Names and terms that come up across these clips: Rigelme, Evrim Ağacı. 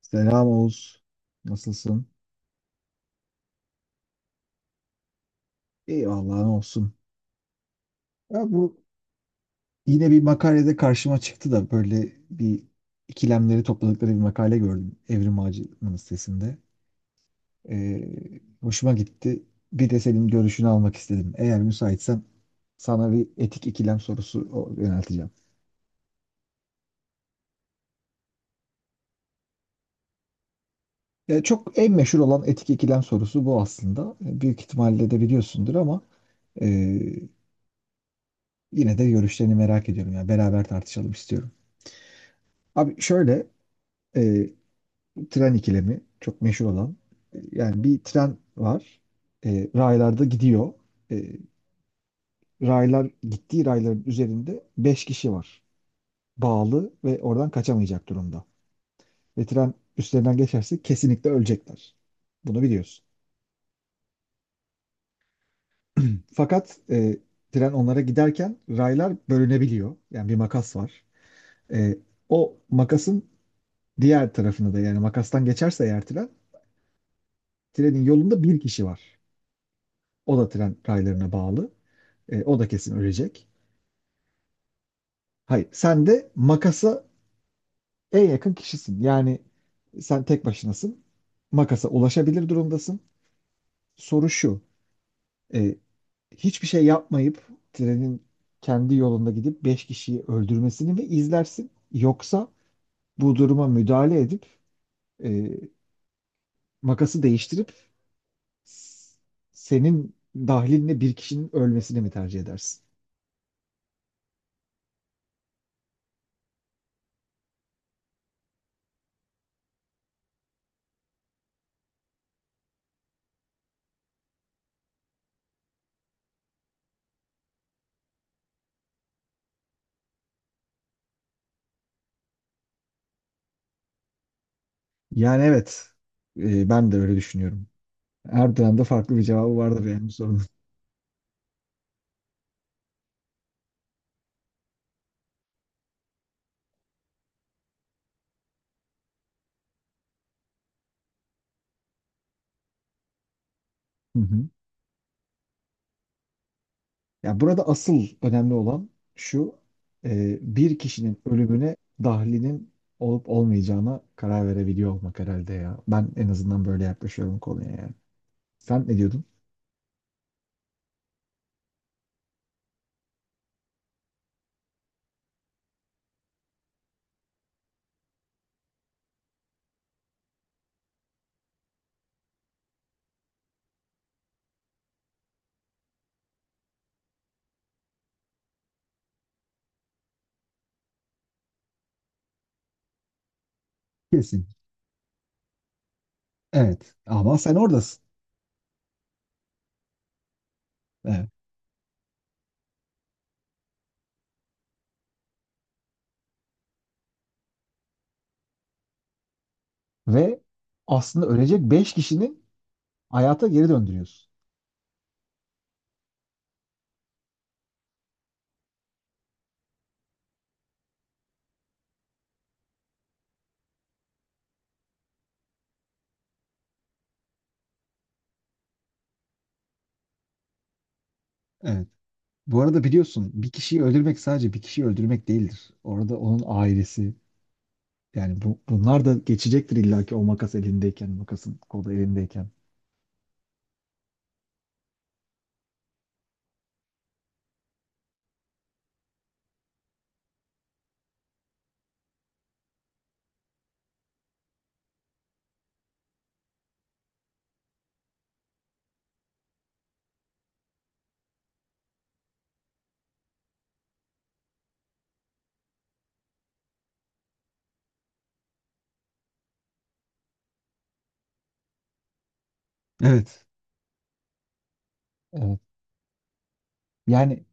Selam Oğuz. Nasılsın? İyi vallahi ne olsun. Ya bu Yine bir makalede karşıma çıktı da böyle ikilemleri topladıkları bir makale gördüm Evrim Ağacı'nın sitesinde. Ee, hoşuma gitti. Bir de senin görüşünü almak istedim. Eğer müsaitsen sana bir etik ikilem sorusu yönelteceğim. Ya çok en meşhur olan etik ikilem sorusu bu aslında. Büyük ihtimalle de biliyorsundur ama e, yine de görüşlerini merak ediyorum. Yani beraber tartışalım istiyorum. Abi şöyle e, tren ikilemi çok meşhur olan. Yani bir tren var. Raylarda gidiyor. E, rayların üzerinde 5 kişi var. Bağlı ve oradan kaçamayacak durumda. Ve tren üstlerinden geçerse kesinlikle ölecekler. Bunu biliyorsun. Fakat tren onlara giderken raylar bölünebiliyor. Yani bir makas var. E, O makasın diğer tarafını da, yani makastan geçerse eğer trenin yolunda bir kişi var. O da tren raylarına bağlı. O da kesin ölecek. Hayır, sen de makasa en yakın kişisin. Yani sen tek başınasın. Makasa ulaşabilir durumdasın. Soru şu. e, Hiçbir şey yapmayıp trenin kendi yolunda gidip 5 kişiyi öldürmesini mi izlersin? Yoksa bu duruma müdahale edip e, makası değiştirip s- senin dahilinle bir kişinin ölmesini mi tercih edersin? Yani evet, ben de öyle düşünüyorum. Her dönemde farklı bir cevabı vardır yani bu sorunun. Hı hı. Ya burada asıl önemli olan şu, bir kişinin ölümüne dahlinin olup olmayacağına karar verebiliyor olmak herhalde ya. Ben en azından böyle yaklaşıyorum konuya yani. Sen ne diyordun? Kesin. Evet. Ama sen oradasın. Evet. Ve aslında ölecek beş kişinin hayata geri döndürüyorsun. Evet. Bu arada biliyorsun bir kişiyi öldürmek sadece bir kişiyi öldürmek değildir. Orada onun ailesi, yani bu, bunlar da geçecektir illaki o makas elindeyken, makasın kolu elindeyken. Evet. Evet. Yani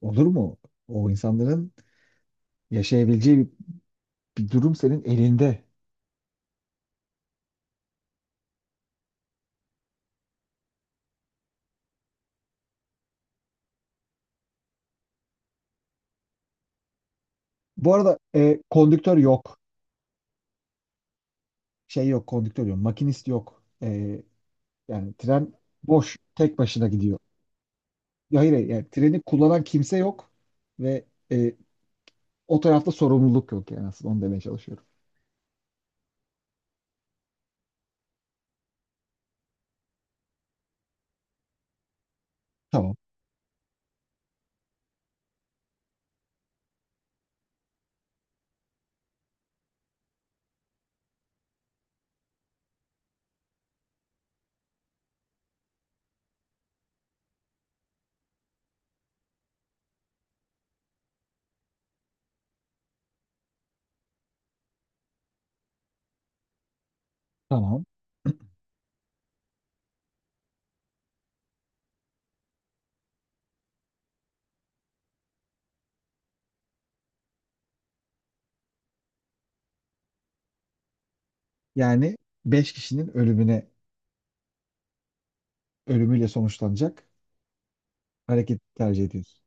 olur mu? O insanların yaşayabileceği bir durum senin elinde. Bu arada kondüktör yok. Şey yok, kondüktör yok. Makinist yok. Yani tren boş, tek başına gidiyor. Ya hayır, hayır, yani treni kullanan kimse yok ve e, o tarafta sorumluluk yok, yani aslında onu demeye çalışıyorum. Tamam. Tamam. Yani 5 kişinin ölümüyle sonuçlanacak. Hareket tercih ediyorsun.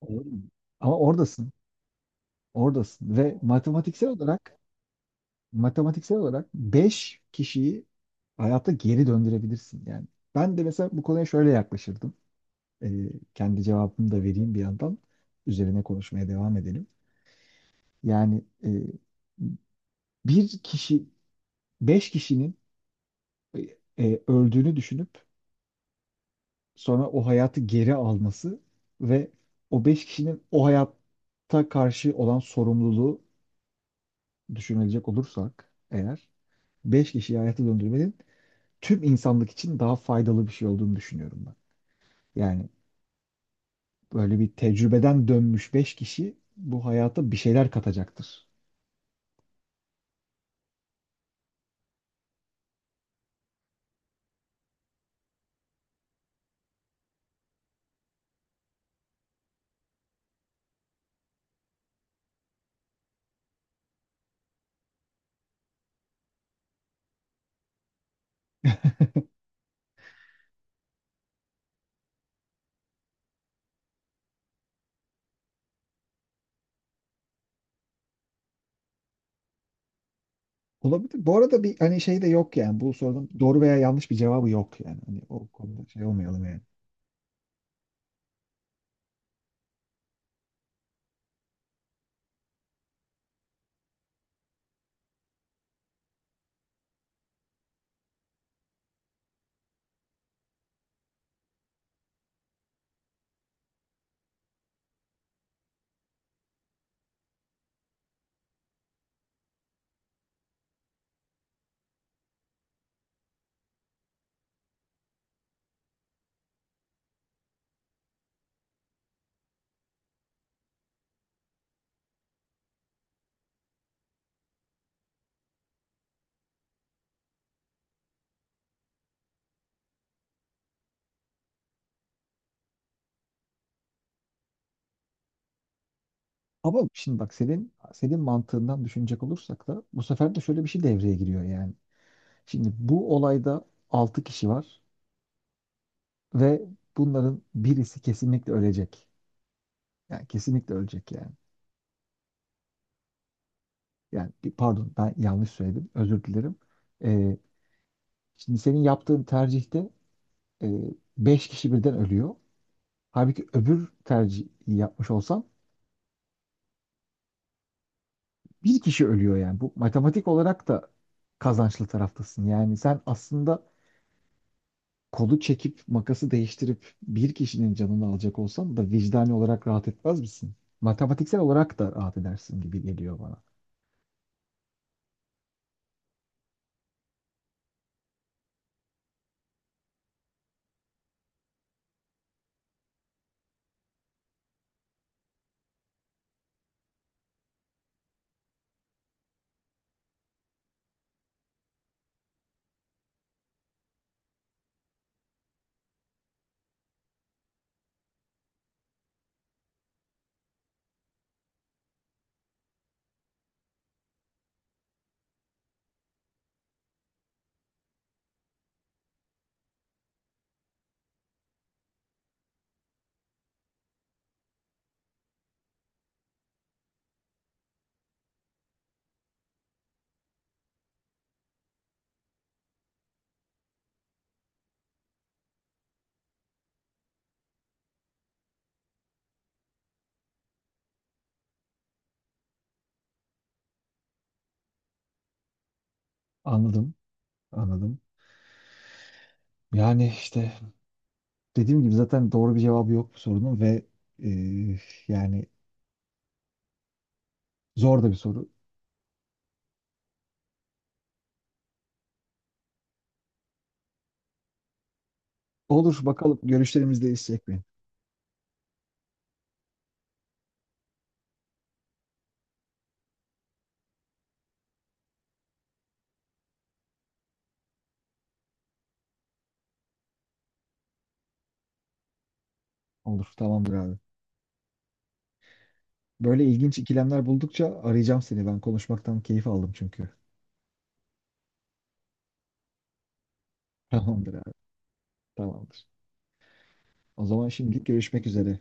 Olur mu? Ama oradasın. Oradasın. Ve matematiksel olarak 5 kişiyi hayatta geri döndürebilirsin. Yani ben de mesela bu konuya şöyle yaklaşırdım. Ee, Kendi cevabımı da vereyim bir yandan. Üzerine konuşmaya devam edelim. Yani bir kişi, beş kişinin e, öldüğünü düşünüp sonra o hayatı geri alması ve o beş kişinin o hayatta karşı olan sorumluluğu düşünülecek olursak eğer 5 kişiyi hayata döndürmenin tüm insanlık için daha faydalı bir şey olduğunu düşünüyorum ben. Yani böyle bir tecrübeden dönmüş 5 kişi bu hayata bir şeyler katacaktır. Olabilir. Bu arada bir hani şey de yok yani. Bu sorunun doğru veya yanlış bir cevabı yok yani. Hani o konuda şey olmayalım yani. Ama şimdi bak senin mantığından düşünecek olursak da bu sefer de şöyle bir şey devreye giriyor yani. Şimdi bu olayda 6 kişi var ve bunların birisi kesinlikle ölecek. Yani kesinlikle ölecek yani. Pardon ben yanlış söyledim. Özür dilerim. Ee, Şimdi senin yaptığın tercihte e, beş kişi birden ölüyor. Halbuki öbür tercihi yapmış olsan bir kişi ölüyor yani. Bu matematik olarak da kazançlı taraftasın. Yani sen aslında kolu çekip makası değiştirip bir kişinin canını alacak olsan da vicdani olarak rahat etmez misin? Matematiksel olarak da rahat edersin gibi geliyor bana. Anladım, anladım. Yani işte dediğim gibi zaten doğru bir cevabı yok bu sorunun ve e, yani zor da bir soru. Olur bakalım görüşlerimiz değişecek mi? Olur tamamdır abi. Böyle ilginç ikilemler buldukça arayacağım seni. Ben konuşmaktan keyif aldım çünkü. Tamamdır abi, tamamdır. O zaman şimdilik görüşmek üzere.